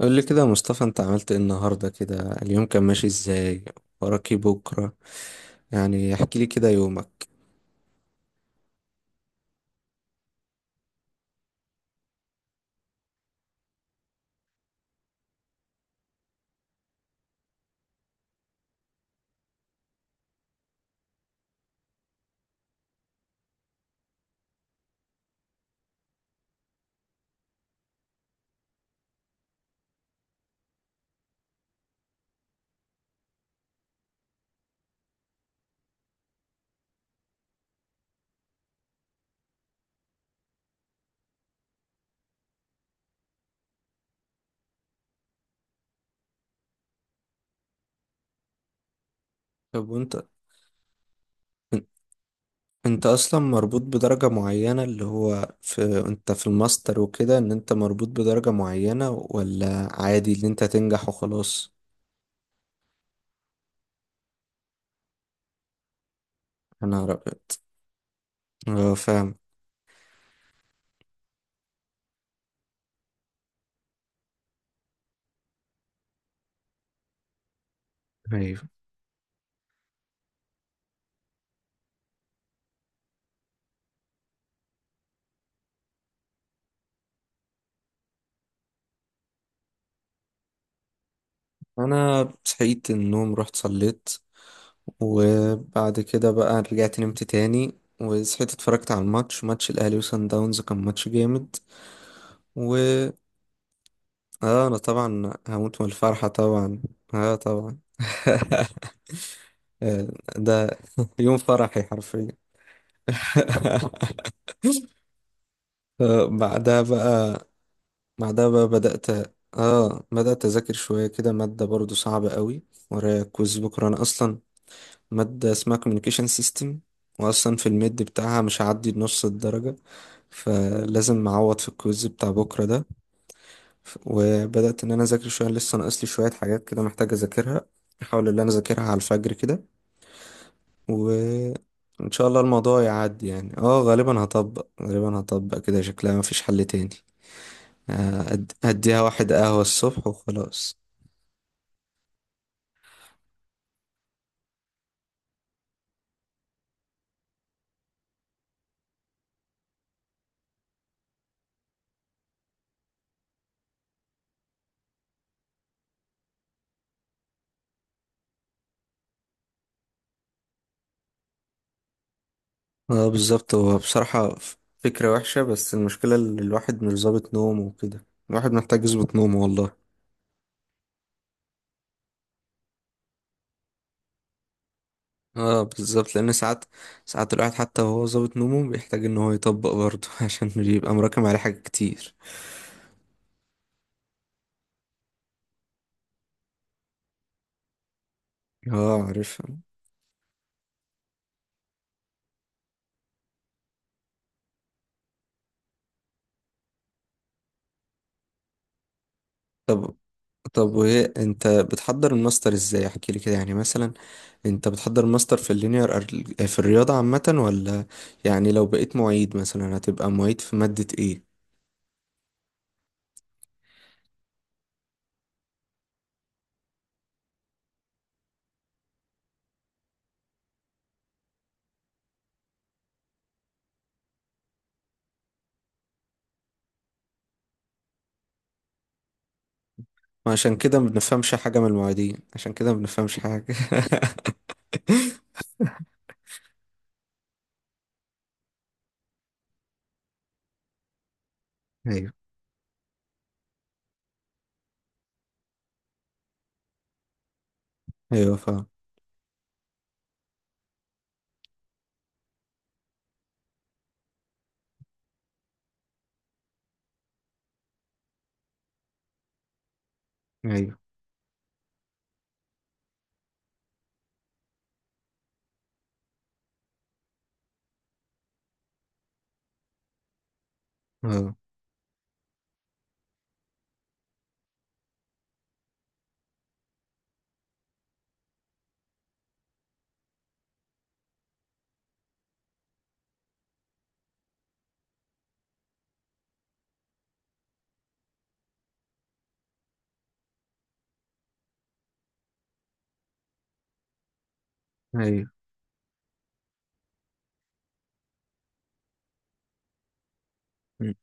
قول لي كده يا مصطفى، انت عملت ايه النهارده كده؟ اليوم كان ماشي ازاي؟ وراك ايه بكره؟ يعني احكي لي كده يومك. طب وانت، ان- انت اصلا مربوط بدرجة معينة اللي هو في، انت في الماستر وكده ان انت مربوط بدرجة معينة، ولا عادي ان انت تنجح وخلاص؟ انا رأ. اه فاهم. ايوه. انا صحيت النوم، رحت صليت، وبعد كده بقى رجعت نمت تاني، وصحيت اتفرجت على الماتش، ماتش الاهلي وصن داونز، كان ماتش جامد. اه انا طبعا هموت من الفرحة طبعا. اه طبعا. آه، ده يوم فرحي حرفيا. بعدها بقى. بعدها بقى بدأت. اه بدأت أذاكر شوية كده، مادة برضو صعبة قوي، ورايا كويز بكرة أنا أصلا. مادة اسمها communication system. وأصلا في الميد بتاعها مش هعدي نص الدرجة. فلازم أعوض في الكويز بتاع بكرة ده. وبدأت إن أنا أذاكر شوية، لسه ناقصلي شوية حاجات كده محتاج أذاكرها. أحاول إن أنا أذاكرها على الفجر كده. ان شاء الله الموضوع يعدي، يعني غالبا هطبق غالبا هطبق كده، شكلها مفيش حل تاني. هديها واحد قهوة الصبح وخلاص. اه بالظبط، هو بصراحة فكرة وحشة، بس المشكلة ان الواحد مش ظابط نومه وكده، الواحد محتاج يظبط نومه والله. اه بالظبط، لان ساعات ساعات الواحد حتى وهو ظابط نومه بيحتاج ان هو يطبق برضه عشان بيبقى مراكم عليه حاجات كتير. اه عارفها. طب. طب وايه انت بتحضر الماستر ازاي؟ احكي لي كده يعني مثلا. انت بتحضر ماستر في اللينير في الرياضة عامة ولا؟ يعني لو بقيت معيد مثلا هتبقى معيد في مادة ايه؟ ما عشان كده ما بنفهمش حاجة من المعيدين، عشان كده ما بنفهمش حاجة. ايوه. ايوه فاهم. ايوه. اه. ايوه. مم.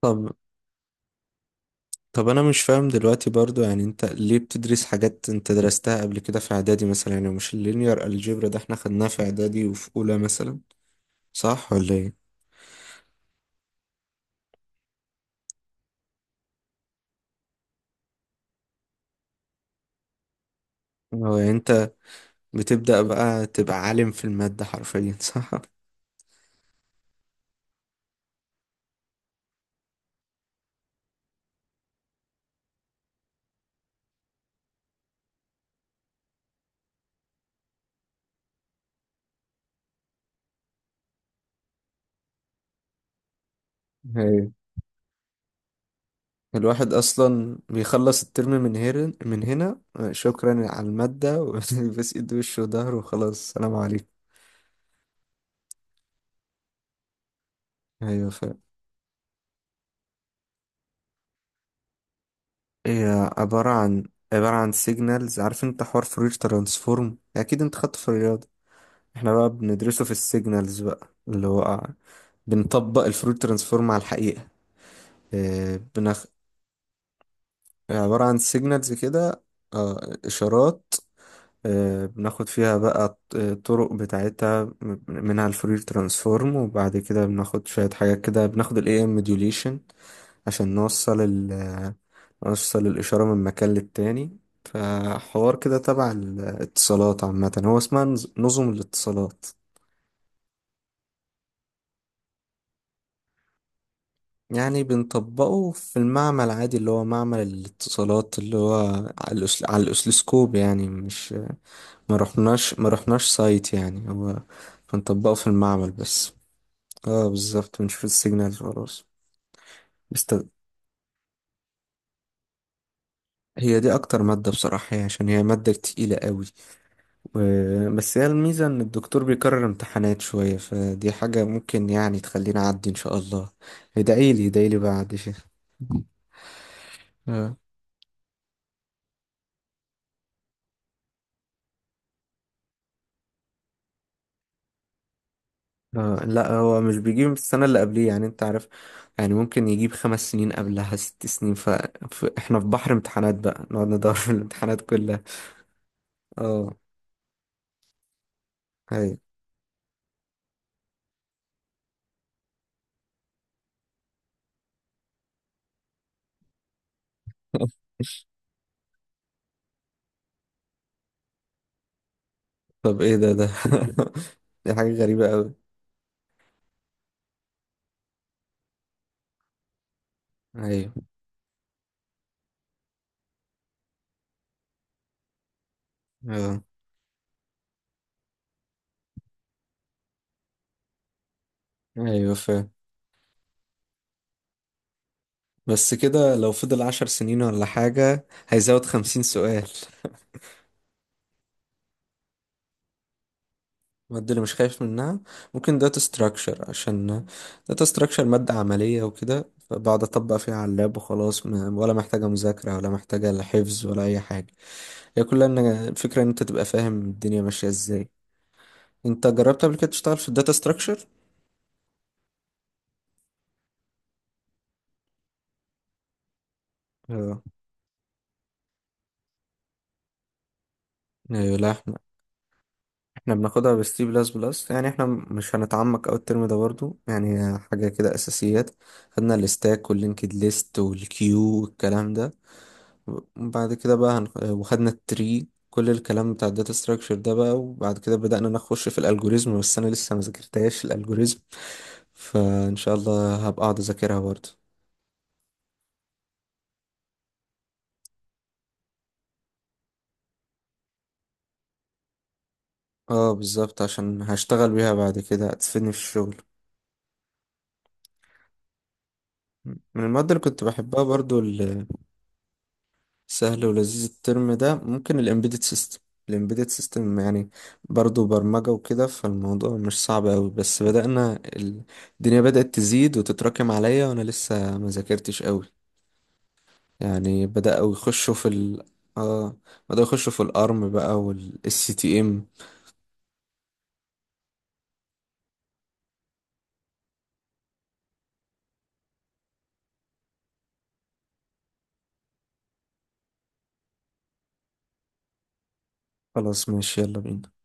طب. طب انا مش فاهم دلوقتي برضو، يعني انت ليه بتدرس حاجات انت درستها قبل كده في اعدادي مثلا؟ يعني مش اللينير الجبر ده احنا خدناه في اعدادي وفي اولى مثلا، صح ولا ايه؟ هو انت بتبدأ بقى تبقى عالم في المادة حرفيا صح؟ الواحد اصلا بيخلص الترم من هنا من هنا، شكرا على المادة وبس ايد وشه وظهره وخلاص، سلام عليكم. ايوه فاهم. هي عبارة عن عبارة عن سيجنالز، عارف انت حوار فورير ترانسفورم اكيد انت خدته في الرياضة. احنا بقى بندرسه في السيجنالز بقى، اللي هو بنطبق الفورير ترانسفورم على الحقيقة. بنخ- عبارة عن سيجنالز كده. اشارات. بناخد فيها بقى الطرق بتاعتها، منها الفورير ترانسفورم، وبعد كده بناخد شوية حاجات كده، بناخد ال AM modulation عشان نوصل الإشارة من مكان للتاني. فحوار كده تبع الاتصالات عامة، هو اسمها نظم الاتصالات. يعني بنطبقه في المعمل عادي، اللي هو معمل الاتصالات، اللي هو على الأسلسكوب، يعني مش. ما رحناش ما رحناش سايت، يعني هو بنطبقه في المعمل بس. اه بالظبط بنشوف السيجنالز خلاص. بست- هي دي اكتر مادة بصراحة، هي عشان هي مادة تقيلة قوي. و... بس هي الميزة ان الدكتور بيكرر امتحانات شوية، فدي حاجة ممكن يعني تخليني اعدي ان شاء الله. ادعيلي ادعيلي بعد شيء. آه. آه، لا، هو مش بيجيب السنة اللي قبليه، يعني انت عارف. يعني ممكن يجيب 5 سنين قبلها، 6 سنين. احنا في بحر امتحانات بقى، نقعد ندور في الامتحانات كلها. اه. هاي. طب ايه ده دي حاجة غريبة قوي. ايوه. اه ايوه فاهم. بس كده لو فضل 10 سنين ولا حاجة هيزود 50 سؤال. المادة اللي مش خايف منها ممكن داتا ستراكشر، عشان داتا ستراكشر مادة عملية وكده، فبقعد أطبق فيها على اللاب وخلاص، ولا محتاجة مذاكرة، ولا محتاجة لا حفظ ولا أي حاجة. هي كلها إن الفكرة إن أنت تبقى فاهم الدنيا ماشية إزاي. أنت جربت قبل كده تشتغل في الداتا ستراكشر؟ اه. أيوة. لا، احنا بناخدها بالسي بلس بلس، يعني احنا مش هنتعمق اوي الترم ده برضو، يعني هي حاجة كده اساسيات. خدنا الستاك واللينكد ليست والكيو والكلام ده. وبعد كده بقى وخدنا التري، كل الكلام بتاع الداتا ستراكشر ده بقى، وبعد كده بدأنا نخش في الالجوريزم، بس انا لسه ما ذاكرتهاش الالجوريزم. فان شاء الله هبقى اقعد اذاكرها برضو. اه بالظبط، عشان هشتغل بيها بعد كده هتفيدني في الشغل. من المواد اللي كنت بحبها برضو. سهل ولذيذ الترم ده ممكن الامبيدد سيستم. الامبيدد سيستم يعني برضو برمجة وكده، فالموضوع مش صعب قوي، بس بدأنا الدنيا بدأت تزيد وتتراكم عليا، وانا لسه ما ذاكرتش قوي. يعني اه بدأوا يخشوا في الارم بقى، والسي تي ام. خلاص ماشي يلا بينا.